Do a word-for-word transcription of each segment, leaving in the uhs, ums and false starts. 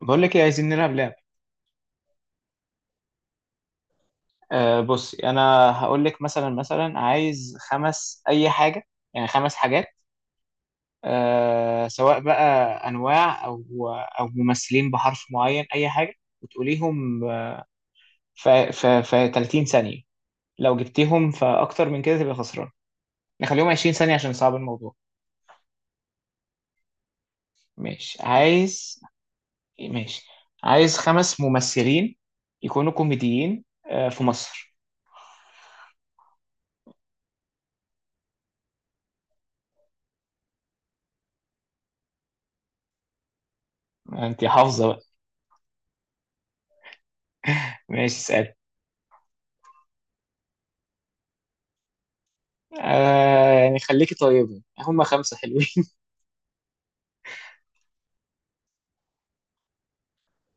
بقول لك ايه، عايزين نلعب لعب. آه بصي، انا هقول لك مثلا مثلا عايز خمس اي حاجه، يعني خمس حاجات. آه سواء بقى انواع او او ممثلين بحرف معين، اي حاجه، وتقوليهم في في في ثلاثين ثانيه. لو جبتيهم في اكتر من كده تبقى خسران. نخليهم عشرين ثانيه عشان صعب الموضوع. ماشي، عايز. ماشي، عايز خمس ممثلين يكونوا كوميديين آه في مصر. انت حافظه بقى؟ ماشي، اسال. آه يعني خليكي طيبة، هما خمسة حلوين.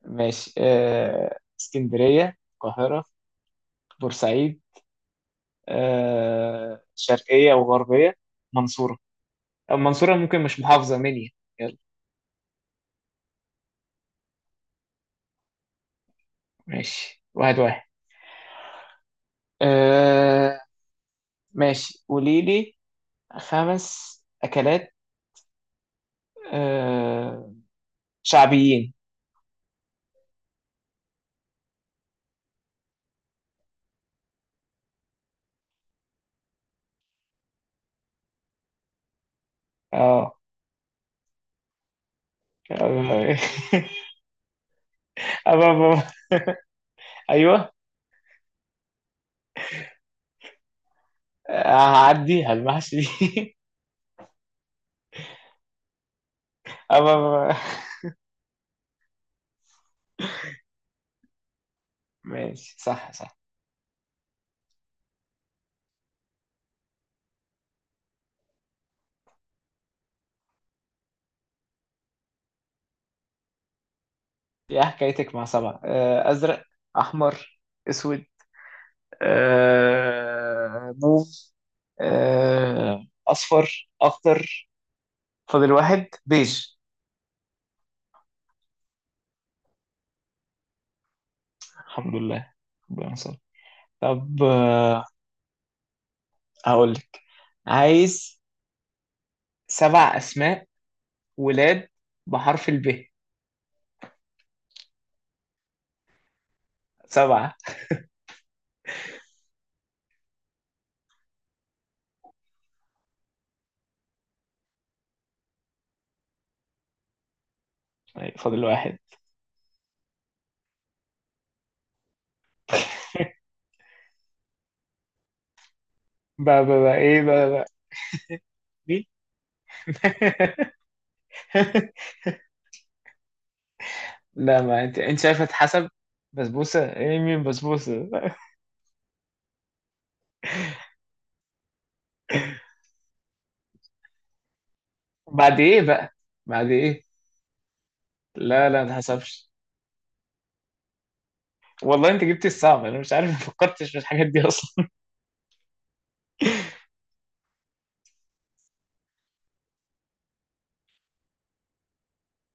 ماشي. آه اسكندرية، القاهرة، بورسعيد، آه شرقية وغربية، منصورة. المنصورة ممكن مش محافظة مني. يلا. ماشي، واحد واحد. آه. ماشي، قولي لي. خمس أكلات آه شعبيين. اه. آه، أبا- أبا- أيوه. آه، هعدي هالمحشي. أبا- ماشي، صح صح. يا حكايتك مع سبعة. آه، أزرق، أحمر، أسود، آه، موف، آه، أصفر، أخضر. فاضل واحد، بيج. الحمد لله، ربنا يستر. طب، آه، هقول لك عايز سبع أسماء ولاد بحرف الب. سبعة. طيب، فاضل واحد. بقى بقى بقى إيه بقى بقى. مين؟ لا، ما أنت أنت شايفة حسب. بسبوسة؟ إيه؟ مين بسبوسة؟ بعد ايه بقى؟ بعد ايه؟ لا لا، ما حسبش. والله انت جبت الصعب، انا مش عارف، ما فكرتش في الحاجات دي اصلا.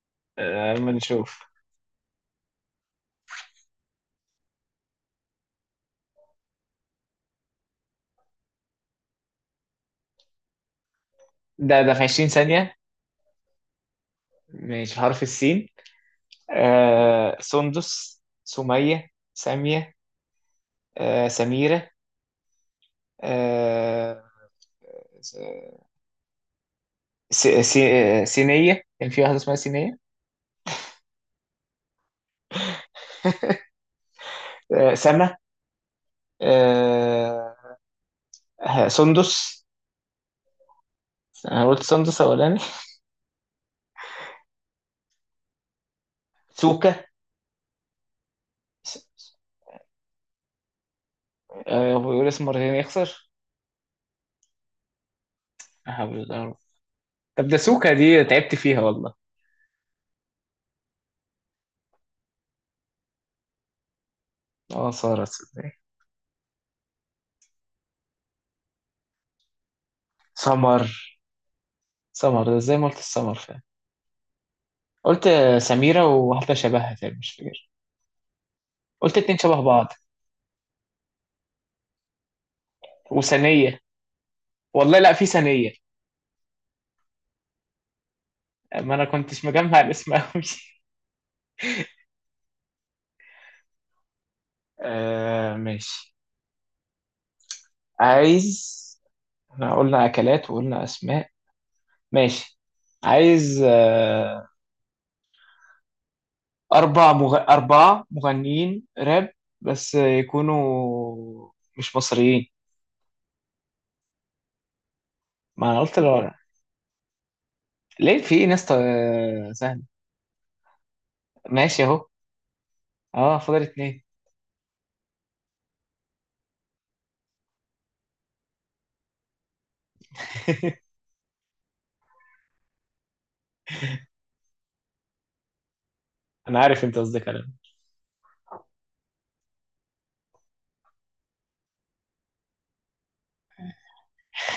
آه، اما نشوف. ده ده في عشرين ثانية؟ ماشي، حرف السين. آه سندس، سمية، سامية، آه سميرة، آه س- س- آه، سينية، كان في واحدة اسمها سينية. آه سما، آه ه- سندس. انا قلت سندس اولاني. سوكا. آه، هو يقول اسم مرتين يخسر؟ لا حول الله. طب، ده سوكا دي تعبت فيها والله. اه، سارة، صدقني. سمر. سمر ده زي ما قلت السمر فعلا. قلت سميرة وواحدة شبهها تاني مش فاكر. قلت اتنين شبه بعض، وثانية. والله لا في ثانية. ما انا كنتش مجمع الاسم قوي. آه ماشي. عايز، احنا قلنا اكلات وقلنا اسماء. ماشي، عايز آه اربع مغ... اربعة مغنيين راب، بس يكونوا مش مصريين. ما انا قلت. ليه؟ في ايه ناس آه، سهل. ماشي اهو. اه، فاضل اتنين. انا عارف انت قصدك على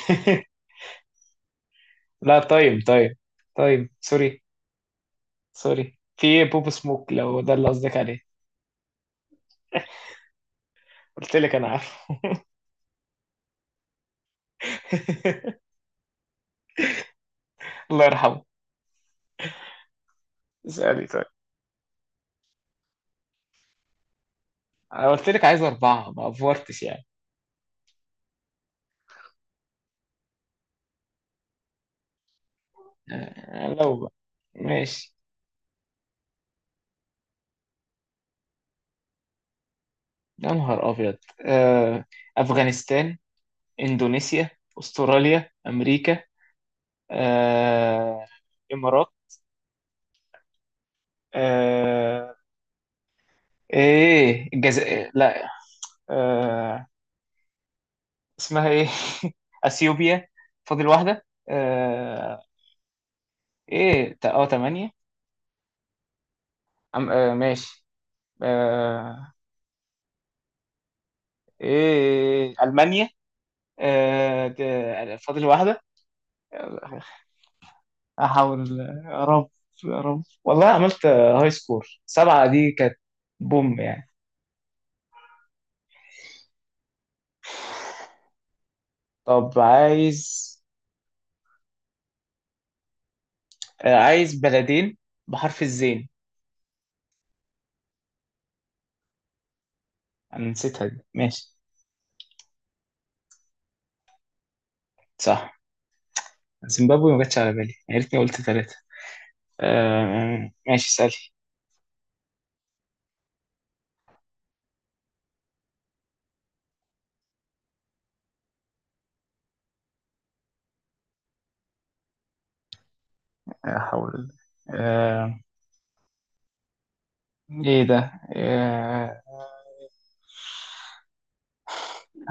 إيه. لا، طيب طيب. طيب، سوري. سوري، في ايه؟ بوب سموك لو ده اللي قصدك عليه. قلت لك انا عارفه. الله يرحمه. اسألي، طيب. انا قلت لك عايز اربعة، ما افورتش يعني. آه، لو بقى. ماشي. يا نهار ابيض. آه، افغانستان، اندونيسيا، استراليا، امريكا، آه، امارات، آه، ايه الجزائر؟ لا. آه... اسمها ايه؟ اثيوبيا. فاضل واحده. آه... ايه تا- اه، تمانية. عم... آه... ماشي. آه... ايه، المانيا. آه... ج- فاضل واحده. احاول. يا رب، يا رب. والله عملت، آه، هاي سكور سبعة دي كانت بوم يعني. طب، عايز آه، عايز بلدين بحرف الزين. انا نسيتها دي، ماشي. صح، زيمبابوي ما جاتش على بالي، يا ريتني قلت ثلاثة. آه ماشي، اسألي. لا حول الله. آه ايه ده؟ آه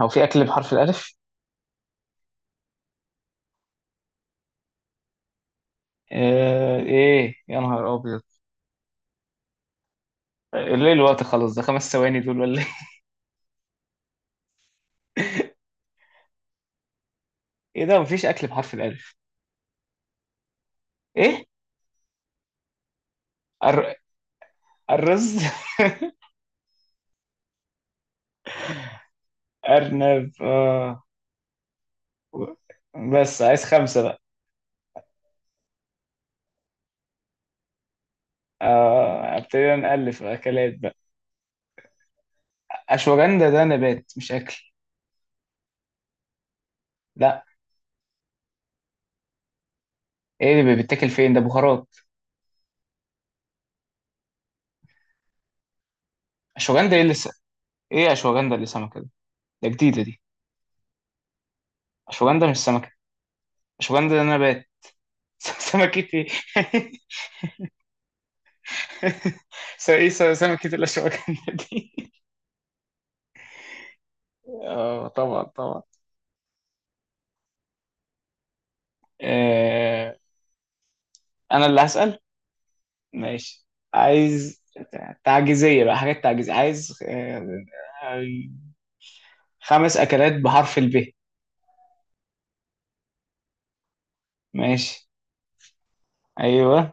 هو في اكل بحرف الالف؟ آه ايه، يا نهار ابيض. ليه الوقت خلص؟ ده خمس ثواني دول ولا ايه؟ ايه ده، مفيش اكل بحرف الالف؟ ايه، أر... الرز؟ ارنب، آه. بس عايز خمسة بقى. آه. ابتدينا نألف اكلات بقى. اشواجندا ده نبات مش اكل. لا، ايه اللي بيتاكل؟ فين ده، بهارات. اشواجندا ايه اللي س... ايه، اشواجندا اللي سمكة؟ ده جديدة دي. اشوجندا مش سمكة. اشوجندا ده نبات. سمكة ايه؟ س- ايه، س- سمكة الاشوجندا دي؟ اه، طبعا طبعا. آه، انا اللي هسأل. ماشي، عايز تعجيزية بقى، حاجات تعجيزية. عايز آه، آه، خمس اكلات بحرف الب. ماشي. ايوه.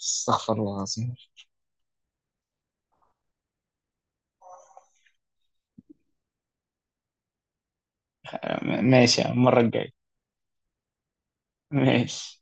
استغفر الله العظيم. م- ماشي، يا عم، المرة الجاية. ماشي.